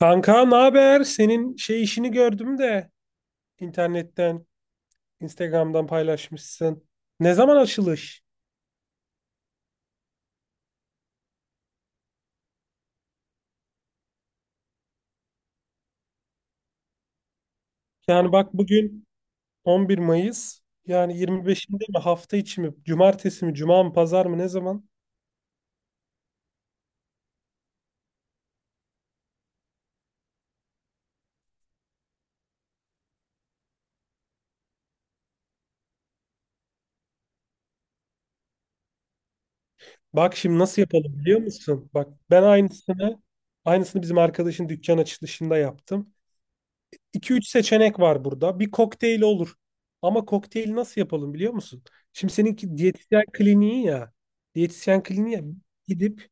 Kanka ne haber? Senin şey işini gördüm de internetten, Instagram'dan paylaşmışsın. Ne zaman açılış? Yani bak bugün 11 Mayıs. Yani 25'inde mi, hafta içi mi? Cumartesi mi? Cuma mı? Pazar mı? Ne zaman? Bak şimdi nasıl yapalım biliyor musun? Bak ben aynısını bizim arkadaşın dükkan açılışında yaptım. 2 üç seçenek var burada. Bir kokteyl olur. Ama kokteyli nasıl yapalım biliyor musun? Şimdi seninki diyetisyen kliniği ya. Diyetisyen kliniği ya. Gidip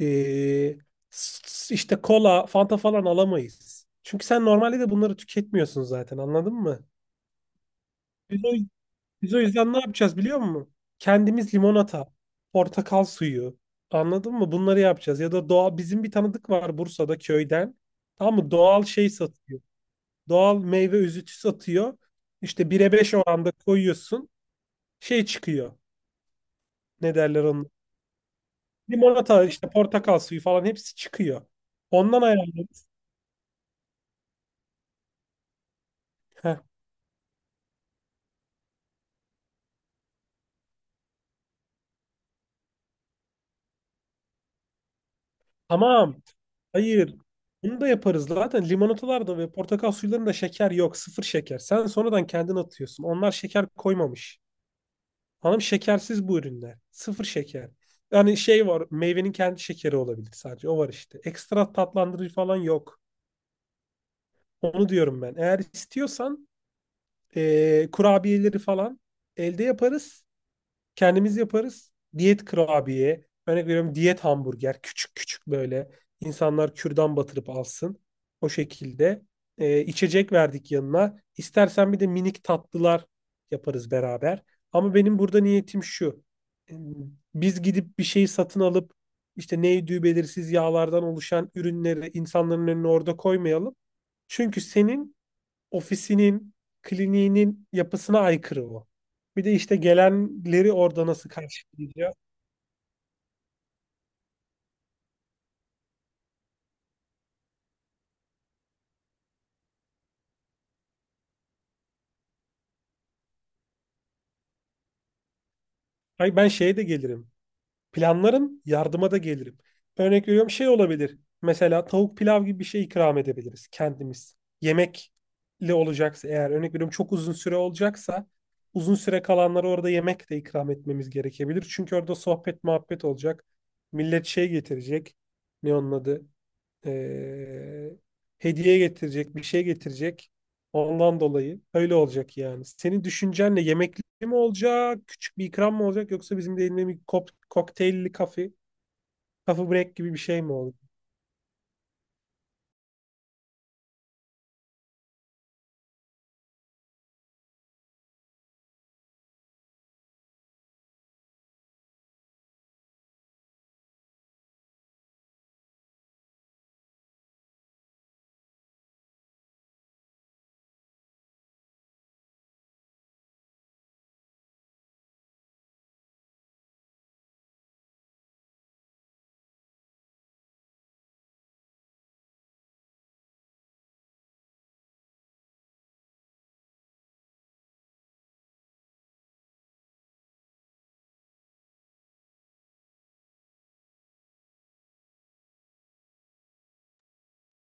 Ee, işte kola, Fanta falan alamayız. Çünkü sen normalde de bunları tüketmiyorsun zaten, anladın mı? Biz o, biz o yüzden ne yapacağız biliyor musun? Kendimiz limonata, portakal suyu, anladın mı? Bunları yapacağız. Ya da doğal, bizim bir tanıdık var Bursa'da köyden. Tamam mı? Doğal şey satıyor. Doğal meyve özütü satıyor. İşte 1'e 5 oranda koyuyorsun. Şey çıkıyor. Ne derler onun? Limonata işte, portakal suyu falan, hepsi çıkıyor. Ondan ayarlıyoruz. Tamam. Hayır. Bunu da yaparız. Zaten limonatalarda ve portakal sularında şeker yok. Sıfır şeker. Sen sonradan kendin atıyorsun. Onlar şeker koymamış. Hanım, şekersiz bu ürünler. Sıfır şeker. Yani şey var. Meyvenin kendi şekeri olabilir sadece. O var işte. Ekstra tatlandırıcı falan yok. Onu diyorum ben. Eğer istiyorsan kurabiyeleri falan elde yaparız. Kendimiz yaparız. Diyet kurabiye, örnek veriyorum, diyet hamburger, küçük küçük, böyle insanlar kürdan batırıp alsın. O şekilde içecek verdik yanına. İstersen bir de minik tatlılar yaparız beraber. Ama benim burada niyetim şu. Ee, Biz gidip bir şeyi satın alıp işte neydi, belirsiz yağlardan oluşan ürünleri insanların önüne orada koymayalım. Çünkü senin ofisinin, kliniğinin yapısına aykırı o. Bir de işte gelenleri orada nasıl karşılayacağız? Hayır, ben şeye de gelirim. Planlarım, yardıma da gelirim. Örnek veriyorum, şey olabilir. Mesela tavuk pilav gibi bir şey ikram edebiliriz kendimiz. Yemekle olacaksa eğer, örnek veriyorum, çok uzun süre olacaksa uzun süre kalanlara orada yemek de ikram etmemiz gerekebilir. Çünkü orada sohbet muhabbet olacak. Millet şey getirecek. Ne onun adı? Ee, hediye getirecek, bir şey getirecek. Ondan dolayı öyle olacak yani. Senin düşüncenle yemekli mi olacak, küçük bir ikram mı olacak, yoksa bizim de elinde bir kop kokteylli kafe, coffee break gibi bir şey mi olur?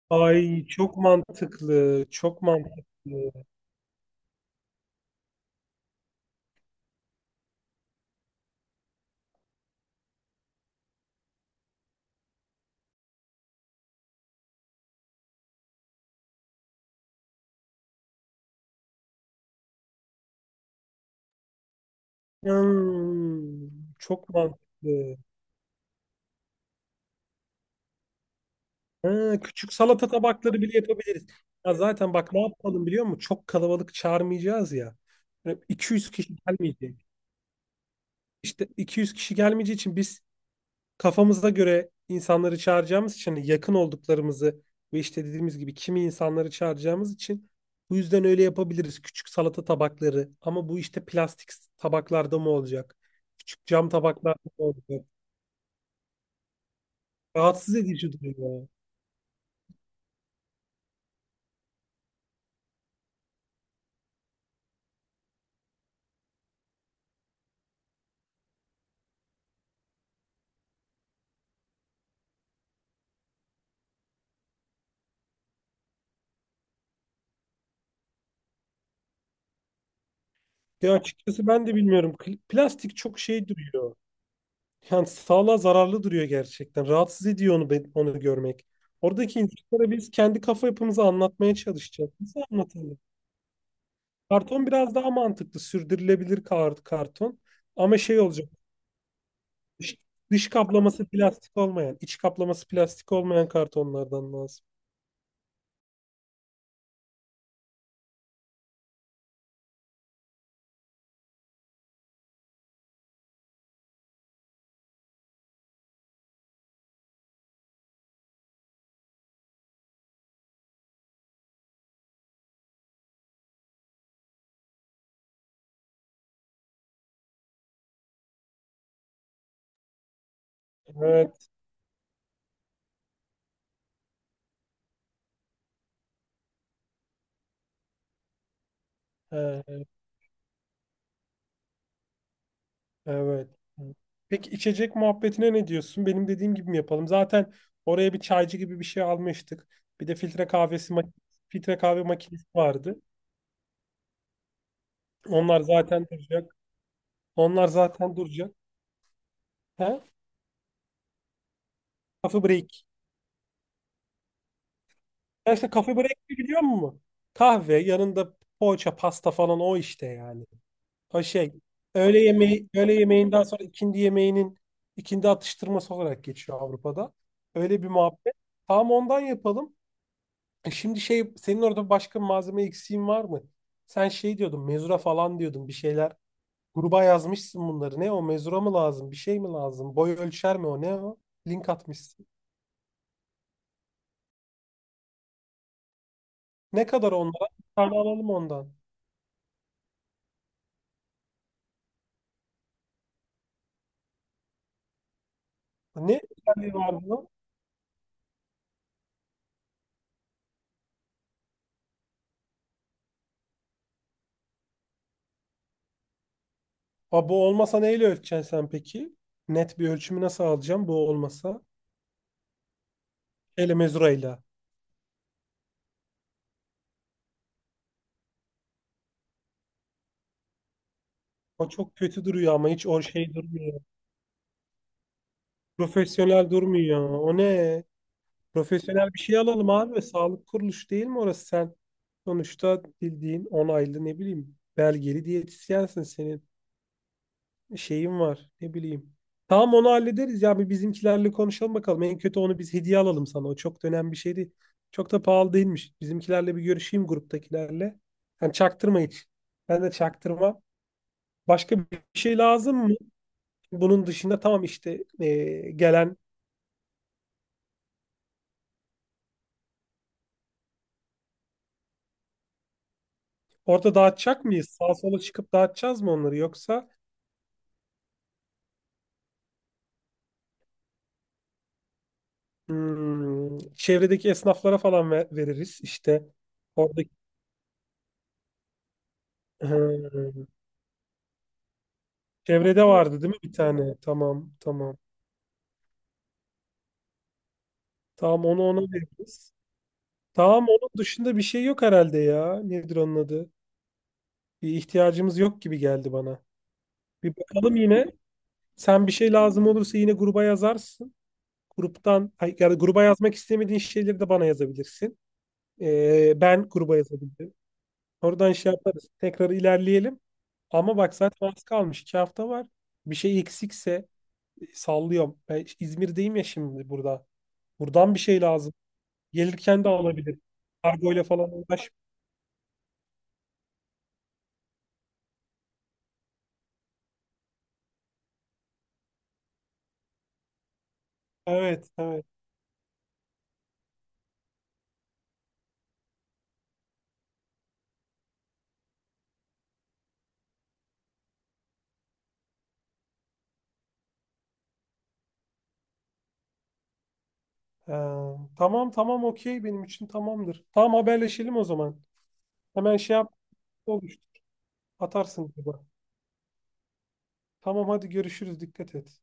Ay, çok mantıklı, çok mantıklı. Hmm, çok mantıklı. Ha, küçük salata tabakları bile yapabiliriz. Ya zaten bak ne yapalım biliyor musun? Çok kalabalık çağırmayacağız ya. Böyle 200 kişi gelmeyecek. İşte 200 kişi gelmeyeceği için biz kafamıza göre insanları çağıracağımız için, hani yakın olduklarımızı ve işte dediğimiz gibi kimi insanları çağıracağımız için bu yüzden öyle yapabiliriz. Küçük salata tabakları, ama bu işte plastik tabaklarda mı olacak? Küçük cam tabaklarda mı olacak? Rahatsız edici duruyor. Ya açıkçası ben de bilmiyorum. Plastik çok şey duruyor. Yani sağlığa zararlı duruyor gerçekten. Rahatsız ediyor onu, onu görmek. Oradaki insanlara biz kendi kafa yapımızı anlatmaya çalışacağız. Nasıl anlatalım? Karton biraz daha mantıklı. Sürdürülebilir karton. Ama şey olacak. Dış, dış kaplaması plastik olmayan, iç kaplaması plastik olmayan kartonlardan lazım. Evet. He, evet. Peki içecek muhabbetine ne diyorsun? Benim dediğim gibi mi yapalım? Zaten oraya bir çaycı gibi bir şey almıştık. Bir de filtre kahvesi mak- Filtre kahve makinesi vardı. Onlar zaten duracak. Onlar zaten duracak. He? Coffee break. Ya işte coffee break ne biliyor musun? Kahve yanında poğaça, pasta falan, o işte yani. O şey, öğle yemeği, öğle yemeğinden sonra ikindi yemeğinin, ikindi atıştırması olarak geçiyor Avrupa'da. Öyle bir muhabbet. Tamam, ondan yapalım. E şimdi şey, senin orada başka malzeme eksiğin var mı? Sen şey diyordun, mezura falan diyordun bir şeyler. Gruba yazmışsın bunları. Ne o, mezura mı lazım? Bir şey mi lazım? Boy ölçer mi o? Ne o? Link atmışsın. Ne kadar onlara? Bir tane alalım ondan. Ne özelliği var bunun? Aa, bu olmasa neyle ölçeceksin sen peki? Net bir ölçümü nasıl alacağım bu olmasa? Ele mezurayla. O çok kötü duruyor ama, hiç o şey durmuyor. Profesyonel durmuyor. O ne? Profesyonel bir şey alalım abi. Sağlık kuruluşu değil mi orası sen? Sonuçta bildiğin onaylı, ne bileyim, belgeli diyetisyensin. Senin şeyim var. Ne bileyim. Tamam, onu hallederiz ya. Bir bizimkilerle konuşalım bakalım. En kötü onu biz hediye alalım sana. O çok da önemli bir şey değil. Çok da pahalı değilmiş. Bizimkilerle bir görüşeyim, gruptakilerle. Yani çaktırma hiç. Ben de çaktırma. Başka bir şey lazım mı? Bunun dışında tamam işte, gelen orada dağıtacak mıyız? Sağa sola çıkıp dağıtacağız mı onları, yoksa çevredeki esnaflara falan veririz. İşte oradaki Hmm. çevrede vardı değil mi bir tane? Tamam, tamam. Tamam, onu ona veririz. Tamam, onun dışında bir şey yok herhalde ya. Nedir onun adı? Bir ihtiyacımız yok gibi geldi bana. Bir bakalım yine. Sen bir şey lazım olursa yine gruba yazarsın. Gruptan, ay, yani gruba yazmak istemediğin şeyleri de bana yazabilirsin. Ben gruba yazabilirim. Oradan şey yaparız. Tekrar ilerleyelim. Ama bak zaten az kalmış. İki hafta var. Bir şey eksikse sallıyorum. Ben İzmir'deyim ya şimdi burada. Buradan bir şey lazım. Gelirken de alabilirim. Kargoyla falan uğraşmayayım. Evet, evet. Ee, tamam tamam okey, benim için tamamdır. Tamam, haberleşelim o zaman. Hemen şey yap, oluştu. Atarsın bana. Tamam hadi, görüşürüz. Dikkat et.